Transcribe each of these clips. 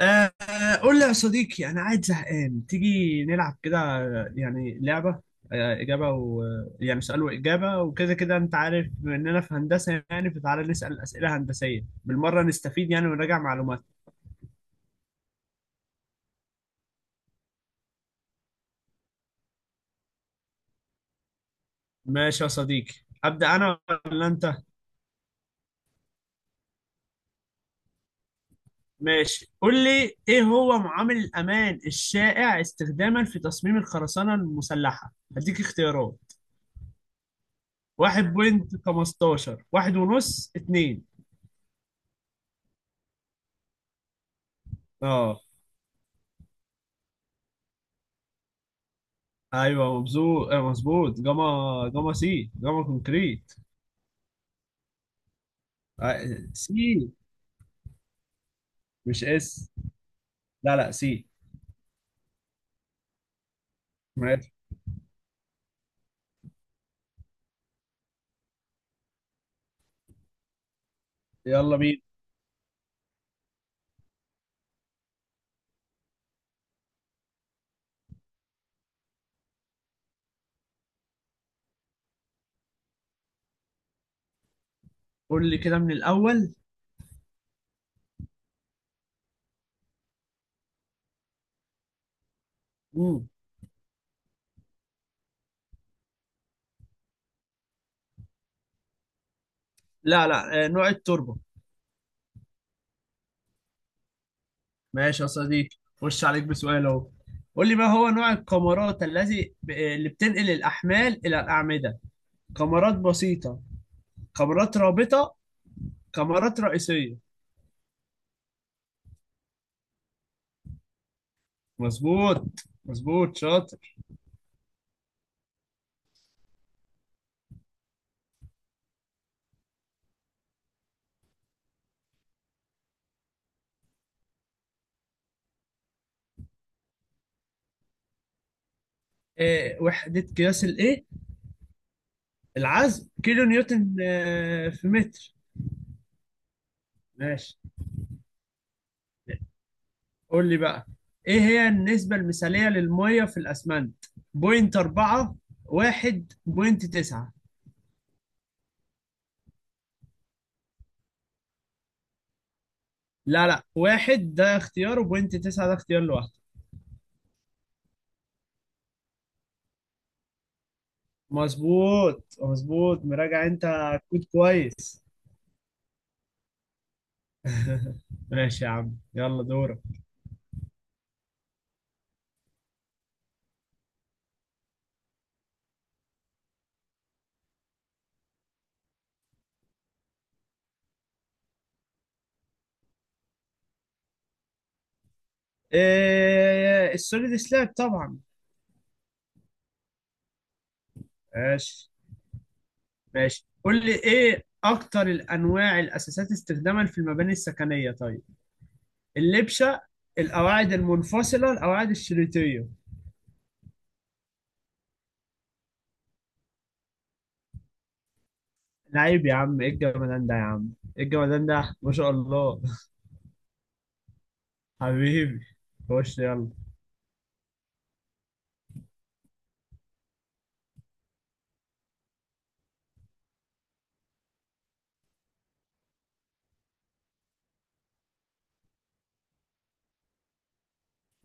آه، قول لي يا صديقي، أنا قاعد زهقان، تيجي نلعب كده، يعني لعبة، إجابة و يعني سؤال وإجابة، وكده كده أنت عارف بما إننا في هندسة، يعني فتعالى نسأل أسئلة هندسية بالمرة نستفيد يعني ونراجع معلومات. ماشي يا صديقي، أبدأ أنا ولا أنت؟ ماشي، قول لي إيه هو معامل الأمان الشائع استخداما في تصميم الخرسانة المسلحة؟ هديك اختيارات: 1.15، 1.5، 2. ايوه مبزوط، مظبوط. جاما، جاما سي، جاما كونكريت. سي. مش اس، لا لا، سي. ماشي، يلا بينا. قول لي كده من الاول. مم. لا لا، نوع التربه. ماشي يا صديقي، خش عليك بسؤال اهو. قول لي ما هو نوع القمرات الذي اللي بتنقل الاحمال الى الاعمده؟ قمرات بسيطه، قمرات رابطه، قمرات رئيسيه. مظبوط، مظبوط، شاطر. وحده قياس الايه؟ العزم كيلو نيوتن في متر. ماشي، قول لي بقى، ايه هي النسبة المثالية للمية في الأسمنت؟ بوينت أربعة، واحد، بوينت تسعة. لا لا، واحد ده اختيار، وبوينت تسعة ده اختيار لوحده. مظبوط، مظبوط، مراجع انت. كود كويس. ماشي يا عم، يلا دورك. ايه، السوليد سلاب طبعا. ماشي. ماشي، قول لي ايه اكتر الانواع الاساسات استخداما في المباني السكنية طيب؟ اللبشه، القواعد المنفصله، القواعد الشريطيه. لعيب يا عم، ايه الجمدان ده يا عم، ايه الجمدان ده، ما شاء الله. حبيبي، خش يلا.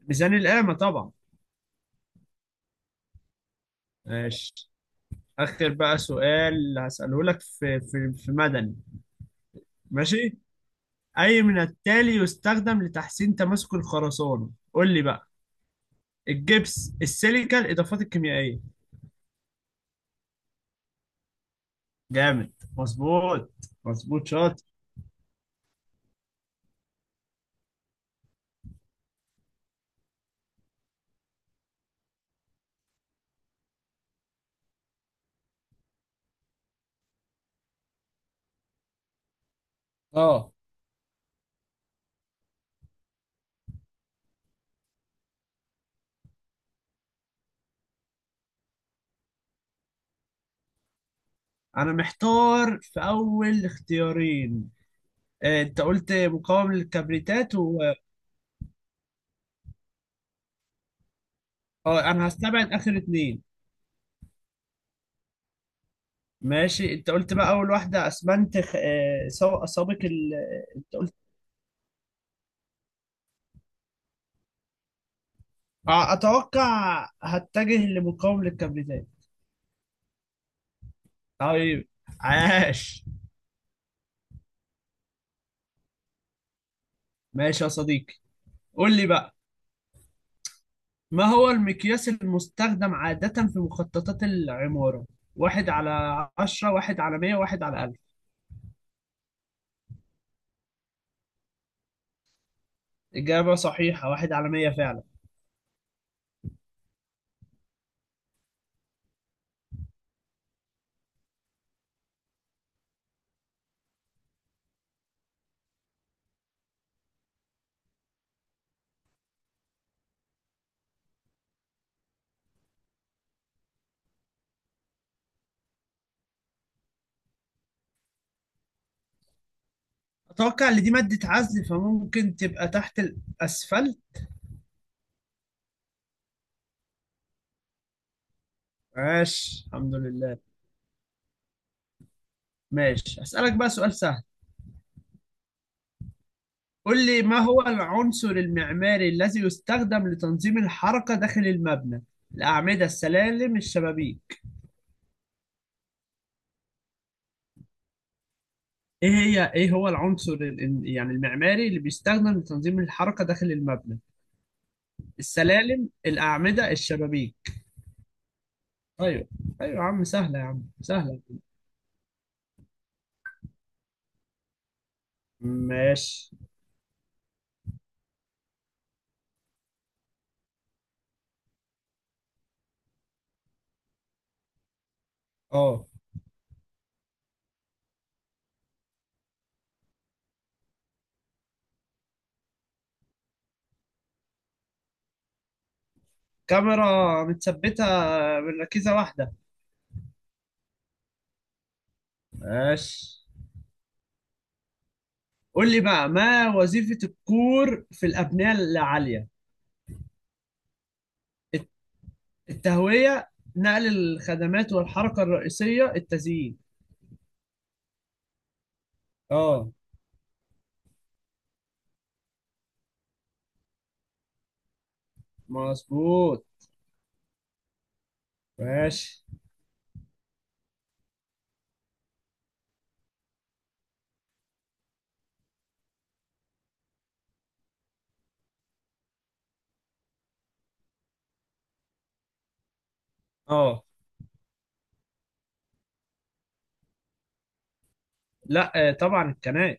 ميزان القامه طبعا. ماشي، اخر بقى سؤال هساله لك في مدني. ماشي. اي من التالي يستخدم لتحسين تماسك الخرسانه؟ قول لي بقى: الجبس، السيليكا، الاضافات الكيميائيه. جامد، مظبوط. مظبوط، شاطر. اه. انا محتار في اول اختيارين. انت قلت مقاوم للكبريتات و... اه، انا هستبعد اخر اتنين. ماشي، انت قلت بقى اول واحدة اسمنت سابق ال... انت قلت اتوقع هتجه لمقاوم للكبريتات. طيب، عاش. ماشي يا صديقي، قول لي بقى، ما هو المقياس المستخدم عادة في مخططات العمارة؟ واحد على عشرة، واحد على مية، واحد على ألف. إجابة صحيحة، واحد على مية فعلا. أتوقع إن دي مادة عزل، فممكن تبقى تحت الأسفل. ماشي، الحمد لله. ماشي، أسألك بقى سؤال سهل. قول لي ما هو العنصر المعماري الذي يستخدم لتنظيم الحركة داخل المبنى؟ الأعمدة، السلالم، الشبابيك. إيه هو العنصر يعني المعماري اللي بيستخدم لتنظيم الحركة داخل المبنى؟ السلالم، الأعمدة، الشبابيك. أيوه. أيوه يا عم، سهلة يا عم سهلة. ماشي. أه. كاميرا متثبتة من ركيزة واحدة. ماشي. قول لي بقى، ما وظيفة الكور في الأبنية العالية؟ الت- التهوية، نقل الخدمات والحركة الرئيسية، التزيين. اه. مظبوط. ماشي. اه. لا، طبعا القناة.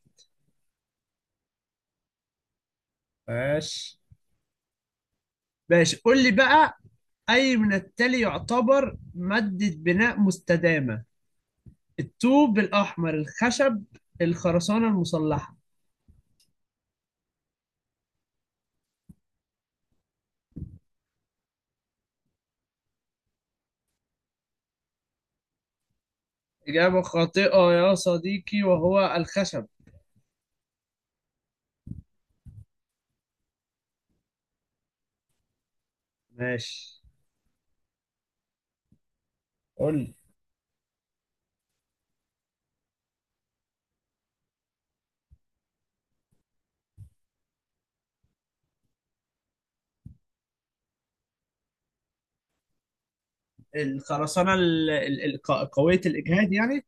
ماشي. ماشي، قول لي بقى، أي من التالي يعتبر مادة بناء مستدامة؟ الطوب الأحمر، الخشب، الخرسانة المسلحة. إجابة خاطئة يا صديقي، وهو الخشب. ماشي. قول لي. الخرسانة قوية الإجهاد يعني،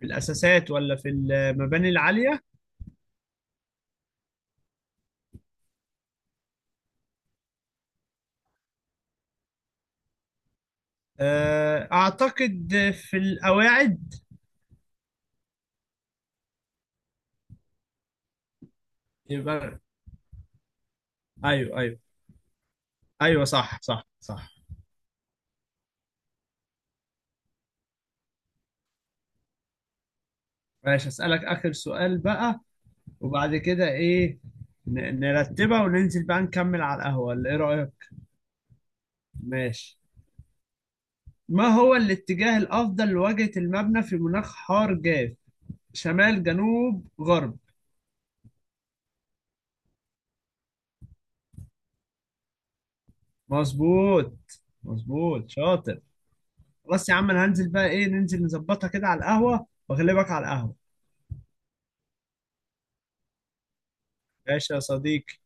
في الأساسات ولا في المباني العالية؟ أعتقد في القواعد. يبقى أيوه، أيوه. أيوه صح، صح، صح. ماشي، أسألك آخر سؤال بقى، وبعد كده إيه؟ نرتبها وننزل بقى نكمل على القهوة ولا إيه رأيك؟ ماشي. ما هو الاتجاه الأفضل لواجهة المبنى في مناخ حار جاف؟ شمال، جنوب، غرب. مظبوط، مظبوط، شاطر. خلاص يا عم، انا هنزل بقى، ايه ننزل نظبطها كده على القهوة واغلبك على القهوة. ماشي يا صديقي.